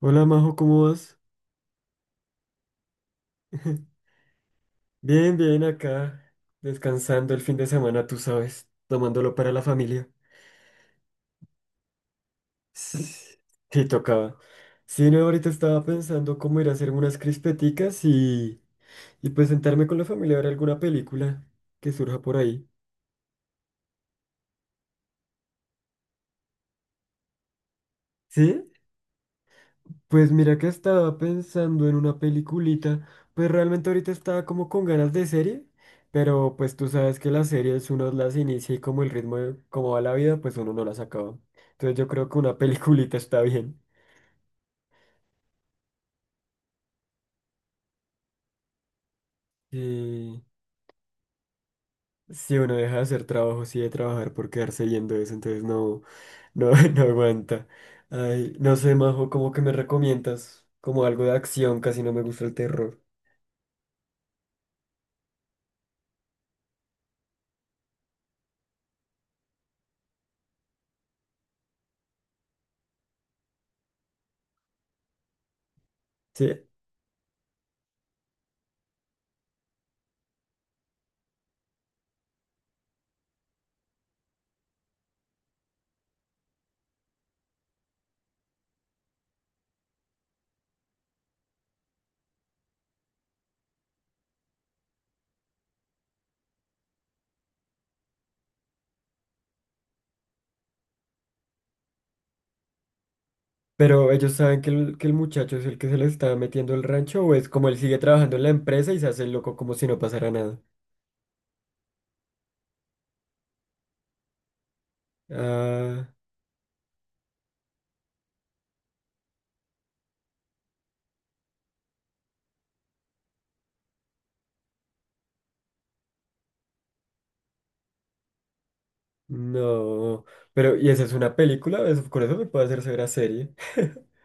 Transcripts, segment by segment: Hola Majo, ¿cómo vas? Bien, bien, acá, descansando el fin de semana, tú sabes, tomándolo para la familia. Sí, sí, tocaba. Sí, no, ahorita estaba pensando cómo ir a hacer unas crispeticas y pues sentarme con la familia a ver alguna película que surja por ahí. ¿Sí? Pues mira que estaba pensando en una peliculita, pues realmente ahorita estaba como con ganas de serie, pero pues tú sabes que las series uno las inicia y como el ritmo de cómo va la vida, pues uno no las acaba. Entonces yo creo que una peliculita está bien. Y si uno deja de hacer trabajo, sí de trabajar por quedarse viendo eso, entonces no, no, no aguanta. Ay, no sé, Majo, ¿cómo que me recomiendas como algo de acción? Casi no me gusta el terror. Sí. Pero ellos saben que que el muchacho es el que se le está metiendo el rancho, o es como él sigue trabajando en la empresa y se hace el loco como si no pasara nada. Ah, no. Pero ¿y esa es una película? Eso, con eso me puede hacer ver a serie.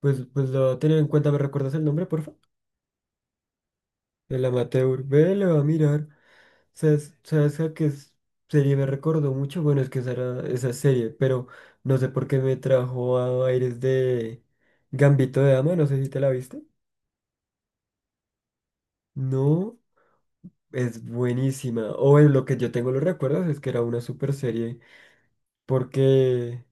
Pues lo voy a tener en cuenta. ¿Me recuerdas el nombre, porfa? El amateur. Ve, le va a mirar. ¿Sabes a qué serie me recordó mucho? Bueno, es que esa era esa serie, pero no sé por qué me trajo a aires de Gambito de Dama. No sé si te la viste. No. Es buenísima. O en lo que yo tengo los recuerdos es que era una super serie. Porque,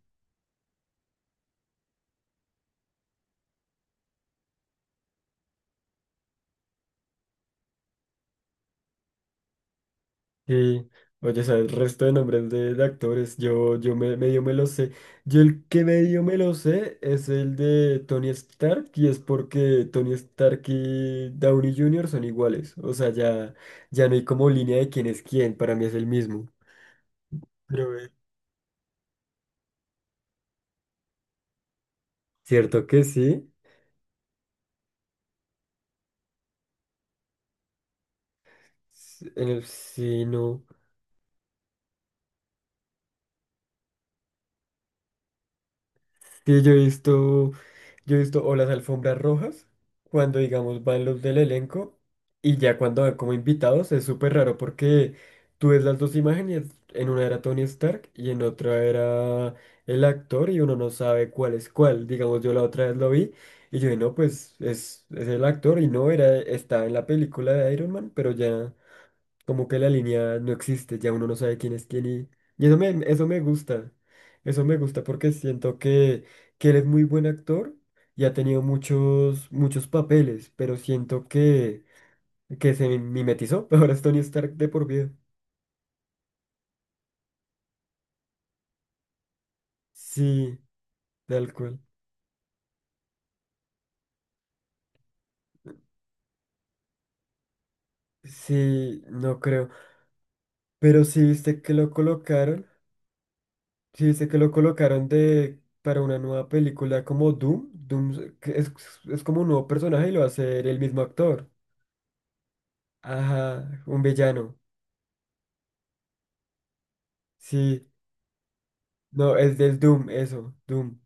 sí, oye, ¿sabes? El resto de nombres de actores, medio me lo sé. Yo el que medio me lo sé es el de Tony Stark. Y es porque Tony Stark y Downey Jr. son iguales. O sea, ya, ya no hay como línea de quién es quién. Para mí es el mismo. Pero, ¿cierto que sí? No. Sí, yo he visto o las alfombras rojas, cuando digamos van los del elenco, y ya cuando van como invitados es súper raro porque tú ves las dos imágenes, en una era Tony Stark y en otra era el actor y uno no sabe cuál es cuál. Digamos, yo la otra vez lo vi y yo dije, no, pues es el actor y no, era, estaba en la película de Iron Man, pero ya... Como que la línea no existe, ya uno no sabe quién es quién, y eso me gusta. Eso me gusta porque siento que él es muy buen actor y ha tenido muchos, muchos papeles, pero siento que se mimetizó. Ahora es Tony Stark de por vida. Sí, tal cual. Sí, no creo. Pero sí viste que lo colocaron. Sí viste que lo colocaron de para una nueva película como Doom. Doom es como un nuevo personaje y lo va a hacer el mismo actor. Ajá, un villano. Sí, no, es del Doom, eso, Doom.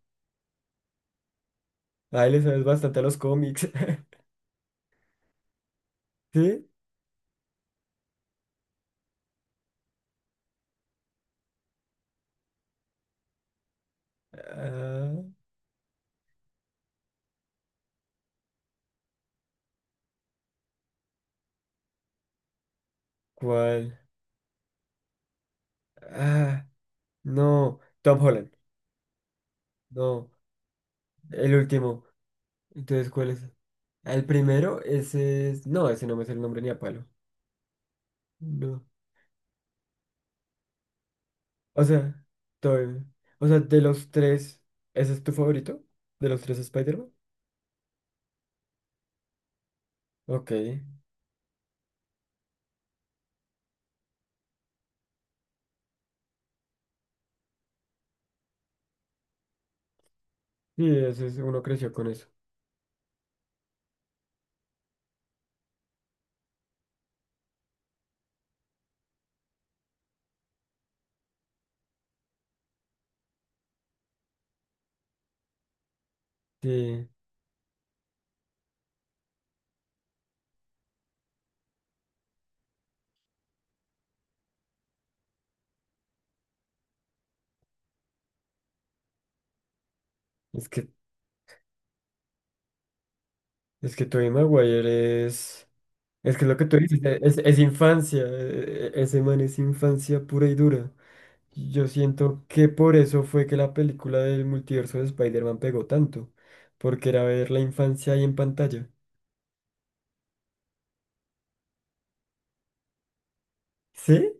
Ahí le sabes bastante a los cómics. ¿Sí? Ah, ¿cuál? Ah, no, Tom Holland. No, el último. Entonces, ¿cuál es? Ah, el primero, ese es. No, ese no me sale el nombre ni a palo. No. O sea, todo bien. O sea, de los tres, ¿ese es tu favorito? ¿De los tres Spider-Man? Ok. Sí, ese es, uno creció con eso. Sí. Es que Es que Tobey Maguire es... Es que lo que tú dices es infancia. Ese man es infancia pura y dura. Yo siento que por eso fue que la película del multiverso de Spider-Man pegó tanto. Porque era ver la infancia ahí en pantalla. ¿Sí?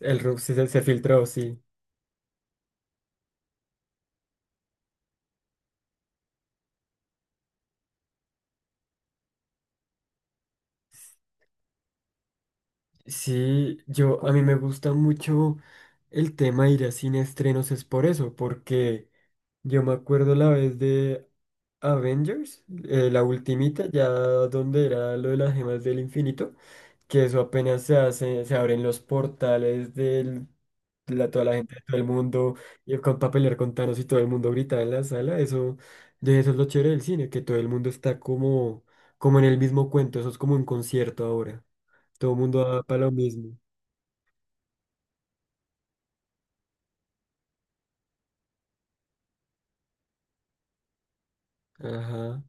El Rob sí se filtró, sí. Sí, yo... A mí me gusta mucho el tema de ir a cine a estrenos. Es por eso. Porque yo me acuerdo la vez de... Avengers, la ultimita, ya donde era lo de las gemas del infinito, que eso apenas se hace, se abren los portales de toda la gente de todo el mundo, y con para pelear con Thanos y todo el mundo grita en la sala, eso, de eso es lo chévere del cine, que todo el mundo está como, como en el mismo cuento, eso es como un concierto ahora, todo el mundo va para lo mismo. Ajá.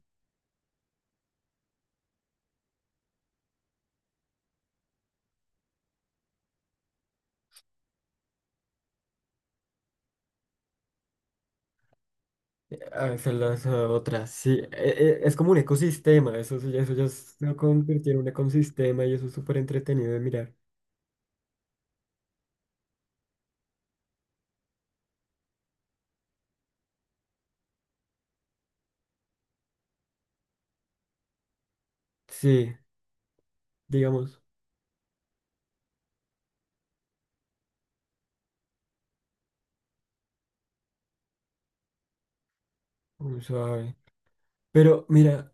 Ah, son las otras, sí. Es como un ecosistema, eso, eso ya se convirtió en un ecosistema y eso es súper entretenido de mirar. Sí, digamos, muy suave. Pero mira,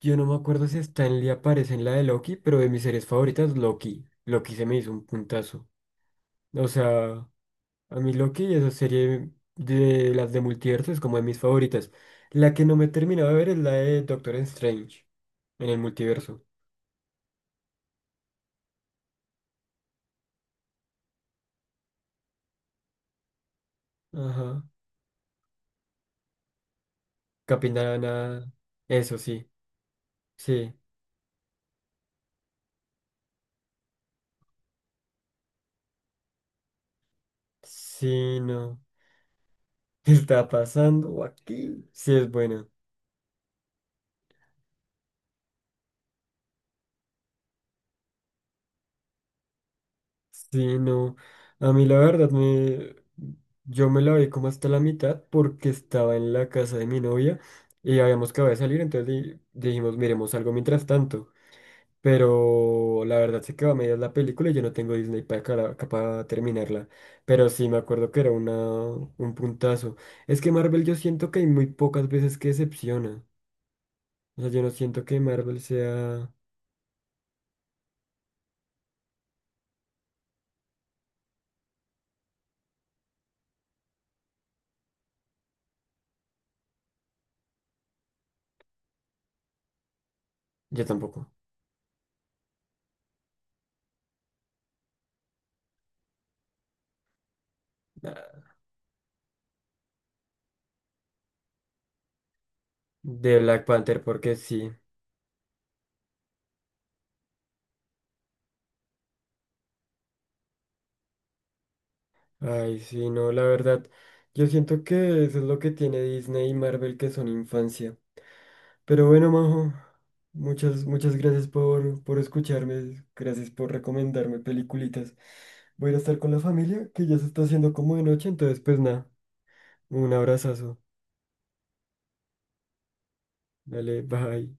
yo no me acuerdo si Stanley aparece en la de Loki, pero de mis series favoritas, Loki. Loki se me hizo un puntazo. O sea, a mí Loki, esa serie de las de multiverso es como de mis favoritas. La que no me he terminado de ver es la de Doctor Strange en el multiverso. Ajá. Capindanana. Eso sí, sí. Sí, no. ¿Qué está pasando aquí? Sí, es buena. Sí, no. A mí la verdad me... Yo me la vi como hasta la mitad porque estaba en la casa de mi novia y habíamos acabado de salir, entonces dijimos, miremos algo mientras tanto. Pero la verdad se quedó a medias la película y yo no tengo Disney para, para terminarla. Pero sí me acuerdo que era una, un puntazo. Es que Marvel yo siento que hay muy pocas veces que decepciona. O sea, yo no siento que Marvel sea... Yo tampoco. Ah, de Black Panther, porque sí. Ay, sí, no, la verdad. Yo siento que eso es lo que tiene Disney y Marvel, que son infancia. Pero bueno, Majo, muchas, muchas gracias por escucharme. Gracias por recomendarme peliculitas. Voy a ir a estar con la familia, que ya se está haciendo como de noche, entonces pues nada, un abrazazo. Dale, bye.